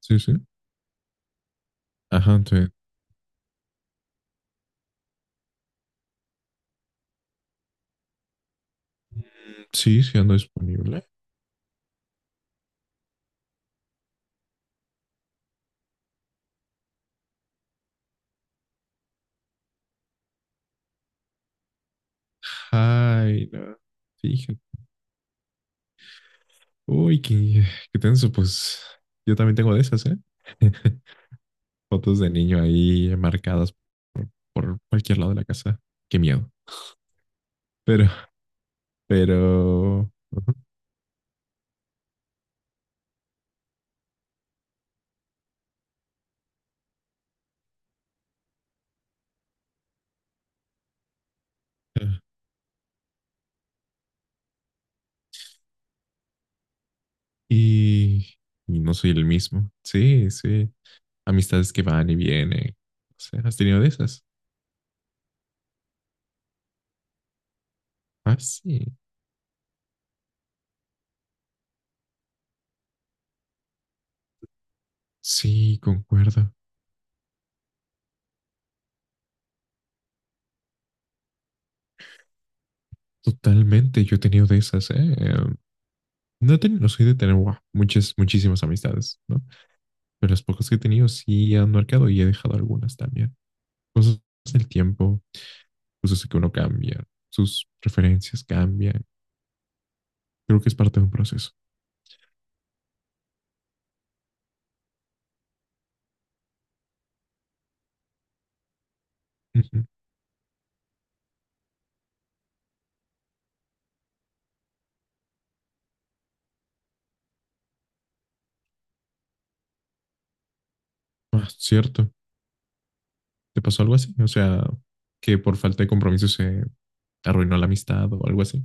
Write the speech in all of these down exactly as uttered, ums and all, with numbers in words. Sí, sí. Ajá, entonces, sí, sí ando disponible. Ay, no. Fíjate. Uy, qué, qué tenso, pues yo también tengo de esas, ¿eh? Fotos de niño ahí marcadas por, por cualquier lado de la casa. Qué miedo. Pero, pero... ujú. Y, y no soy el mismo. Sí, sí. Amistades que van y vienen. O sea, ¿has tenido de esas? Ah, sí. Sí, concuerdo. Totalmente. Yo he tenido de esas, ¿eh? No he tenido la suerte de tener wow, muchas, muchísimas amistades, ¿no? Pero las pocas que he tenido sí han marcado y he dejado algunas también. Cosas del tiempo, cosas que uno cambia, sus preferencias cambian. Creo que es parte de un proceso. Uh -huh. Ah, cierto. ¿Te pasó algo así? O sea, que por falta de compromiso se arruinó la amistad o algo así.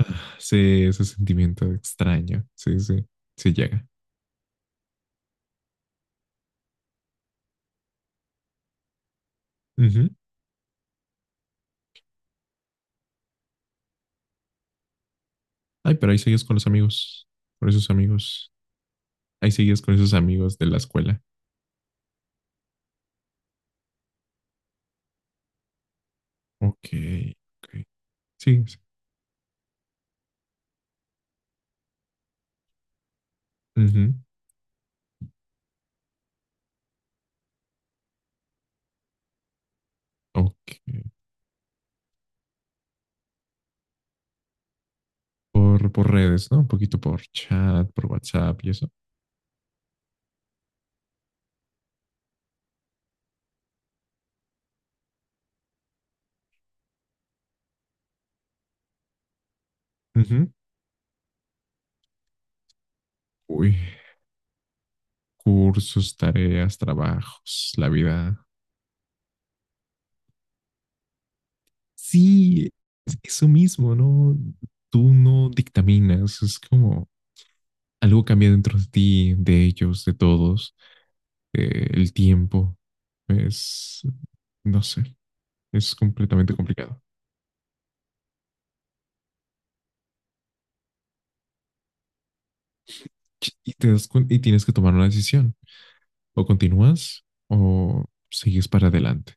Ah, sí, ese sentimiento extraño. Sí, sí, sí llega. Uh -huh. Ay, pero ahí sigues con los amigos, con esos amigos. Ahí sigues con esos amigos de la escuela. Ok, ok. Sí, sí. Ujú. Ok. Por, por redes, ¿no? Un poquito por chat, por WhatsApp y eso. Ujú. Uy, cursos, tareas, trabajos, la vida. Sí, es eso mismo, ¿no? Tú no dictaminas, es como algo cambia dentro de ti, de ellos, de todos, eh, el tiempo. Es, no sé, es completamente complicado. Y te das cuen- y tienes que tomar una decisión. O continúas o sigues para adelante.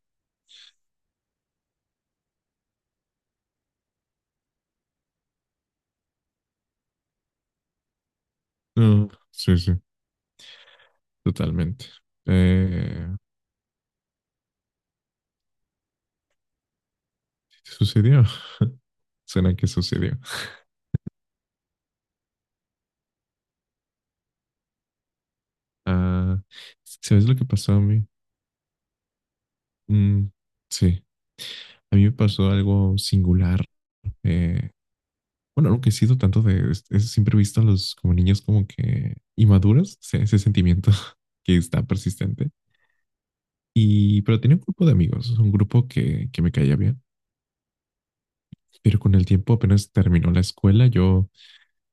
No, sí, sí, totalmente. Eh, ¿sí ¿te sucedió? Suena que sucedió. Ah, ¿sabes lo que pasó a mí? Mm, sí, a mí me pasó algo singular. Eh, bueno, algo que he sido tanto de... es- es- siempre he visto a los como niños como que inmaduros, ese, ese sentimiento que está persistente. Y, pero tenía un grupo de amigos, un grupo que, que me caía bien. Pero con el tiempo apenas terminó la escuela, yo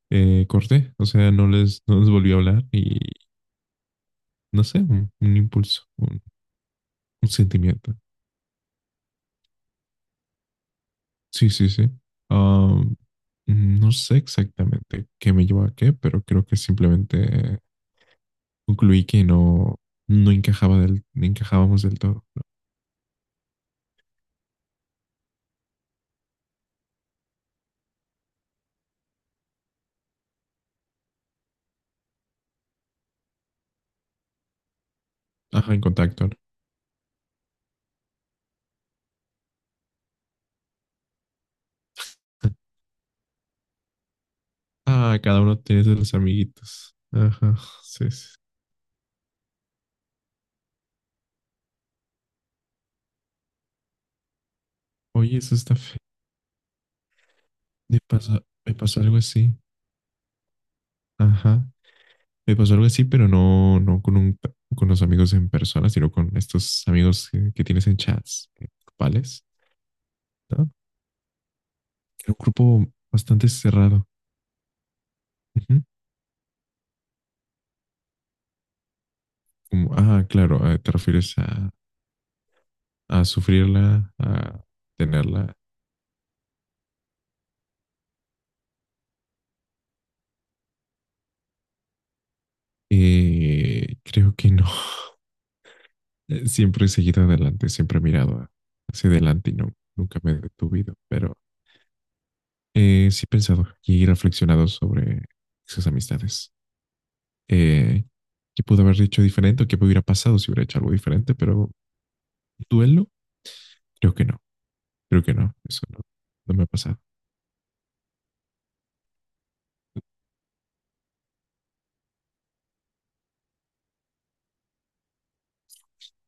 eh, corté, o sea, no les, no les volví a hablar y no sé, un, un impulso, un, un sentimiento. Sí, sí, sí. Ah, no sé exactamente qué me llevó a qué, pero creo que simplemente concluí que no, no encajaba del, no encajábamos del todo. Ajá, en contacto, ¿no? Ah, cada uno tiene sus amiguitos. Ajá, sí, sí. Oye, eso está feo. Me pasó, me pasó algo así. Ajá. Me pasó algo así, pero no, no con un, con los amigos en persona, sino con estos amigos que, que tienes en chats eh, grupales, ¿no? Era un grupo bastante cerrado. Ujú. Como, ah, claro, eh, te refieres a, a sufrirla, a tenerla. Eh, creo que no. Siempre he seguido adelante, siempre he mirado hacia adelante y no, nunca me he detuvido, pero eh, sí he pensado y reflexionado sobre esas amistades. eh, Qué pudo haber dicho diferente o qué hubiera pasado si hubiera hecho algo diferente, pero duelo, creo que no, creo que no, eso no, no me ha pasado.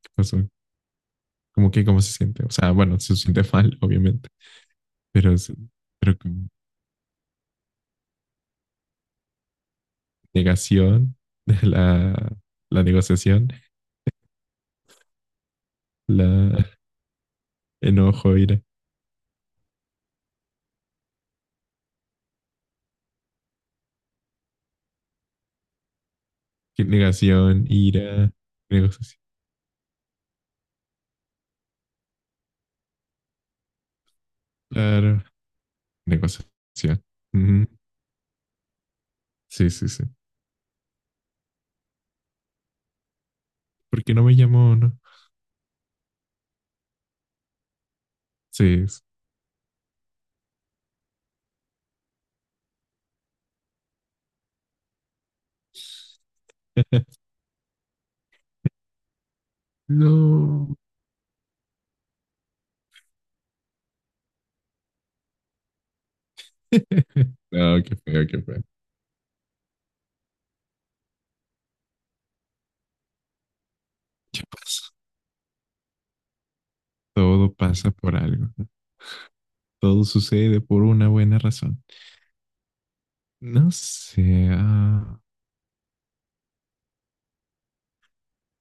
¿Qué pasó? ¿Cómo que cómo se siente? O sea, bueno, se siente mal, obviamente, pero, es- pero con negación, la, la negociación, la enojo, ira, ¿Qué negación, ira, negociación, claro, negociación. Ujú. Sí, sí, sí. ¿Por qué no me llamó? No. Sí. No. No, qué feo, qué feo. ¿Qué pasa? Todo pasa por algo, ¿no? Todo sucede por una buena razón. No sé, ah,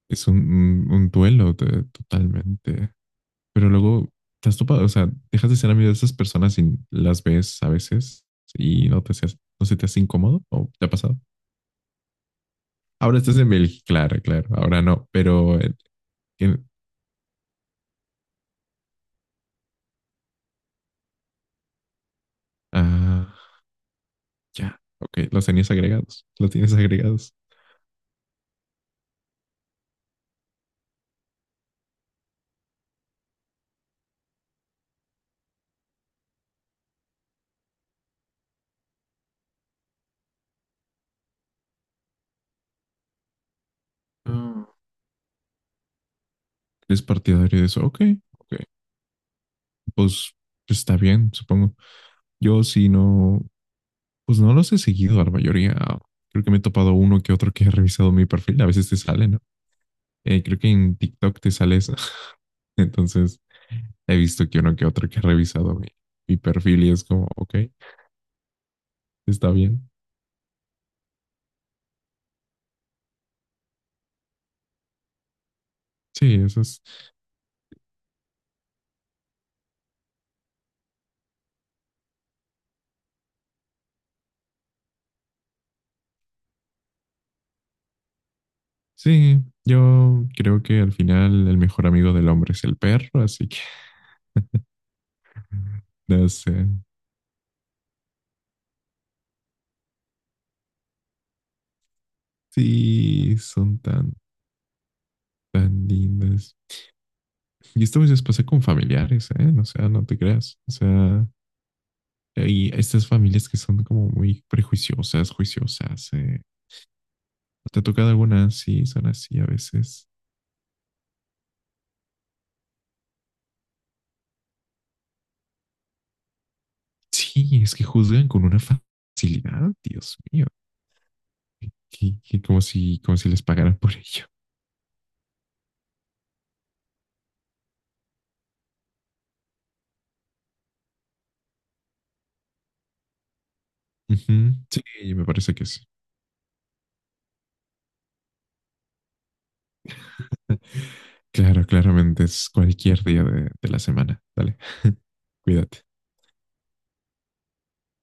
es un, un- un duelo de- totalmente. Pero luego te has topado, o sea, dejas de ser amigo de esas personas y las ves a veces y no te seas, no se te hace incómodo o te ha pasado. Ahora estás en Bélgica, claro, claro, ahora no, pero eh, en- ah, ya, ok, los tenías agregados, los tienes agregados. Ah, ¿eres partidario de eso? Ok, ok. Pues está bien, supongo. Yo sí no, pues no los he seguido a la mayoría. Creo que me he topado uno que otro que he revisado mi perfil. A veces te sale, ¿no? Eh, creo que en TikTok te sale eso. Entonces he visto que uno que otro que ha revisado mi, mi perfil y es como, ok, está bien. Sí, eso es. Sí, yo creo que al final el mejor amigo del hombre es el perro, así que no sé. Sí, son tan, tan lindas. Y esto a veces pasa con familiares, ¿eh? No, o sea, no te creas. O sea, y estas familias que son como muy prejuiciosas, juiciosas. eh, ¿Te ha tocado alguna? Sí, son así a veces. Sí, es que juzgan con una facilidad, Dios mío. Que, que como si, como si les pagaran por ello. Ujú. Sí, me parece que sí. Claro, claramente es cualquier día de, de la semana. Dale, cuídate.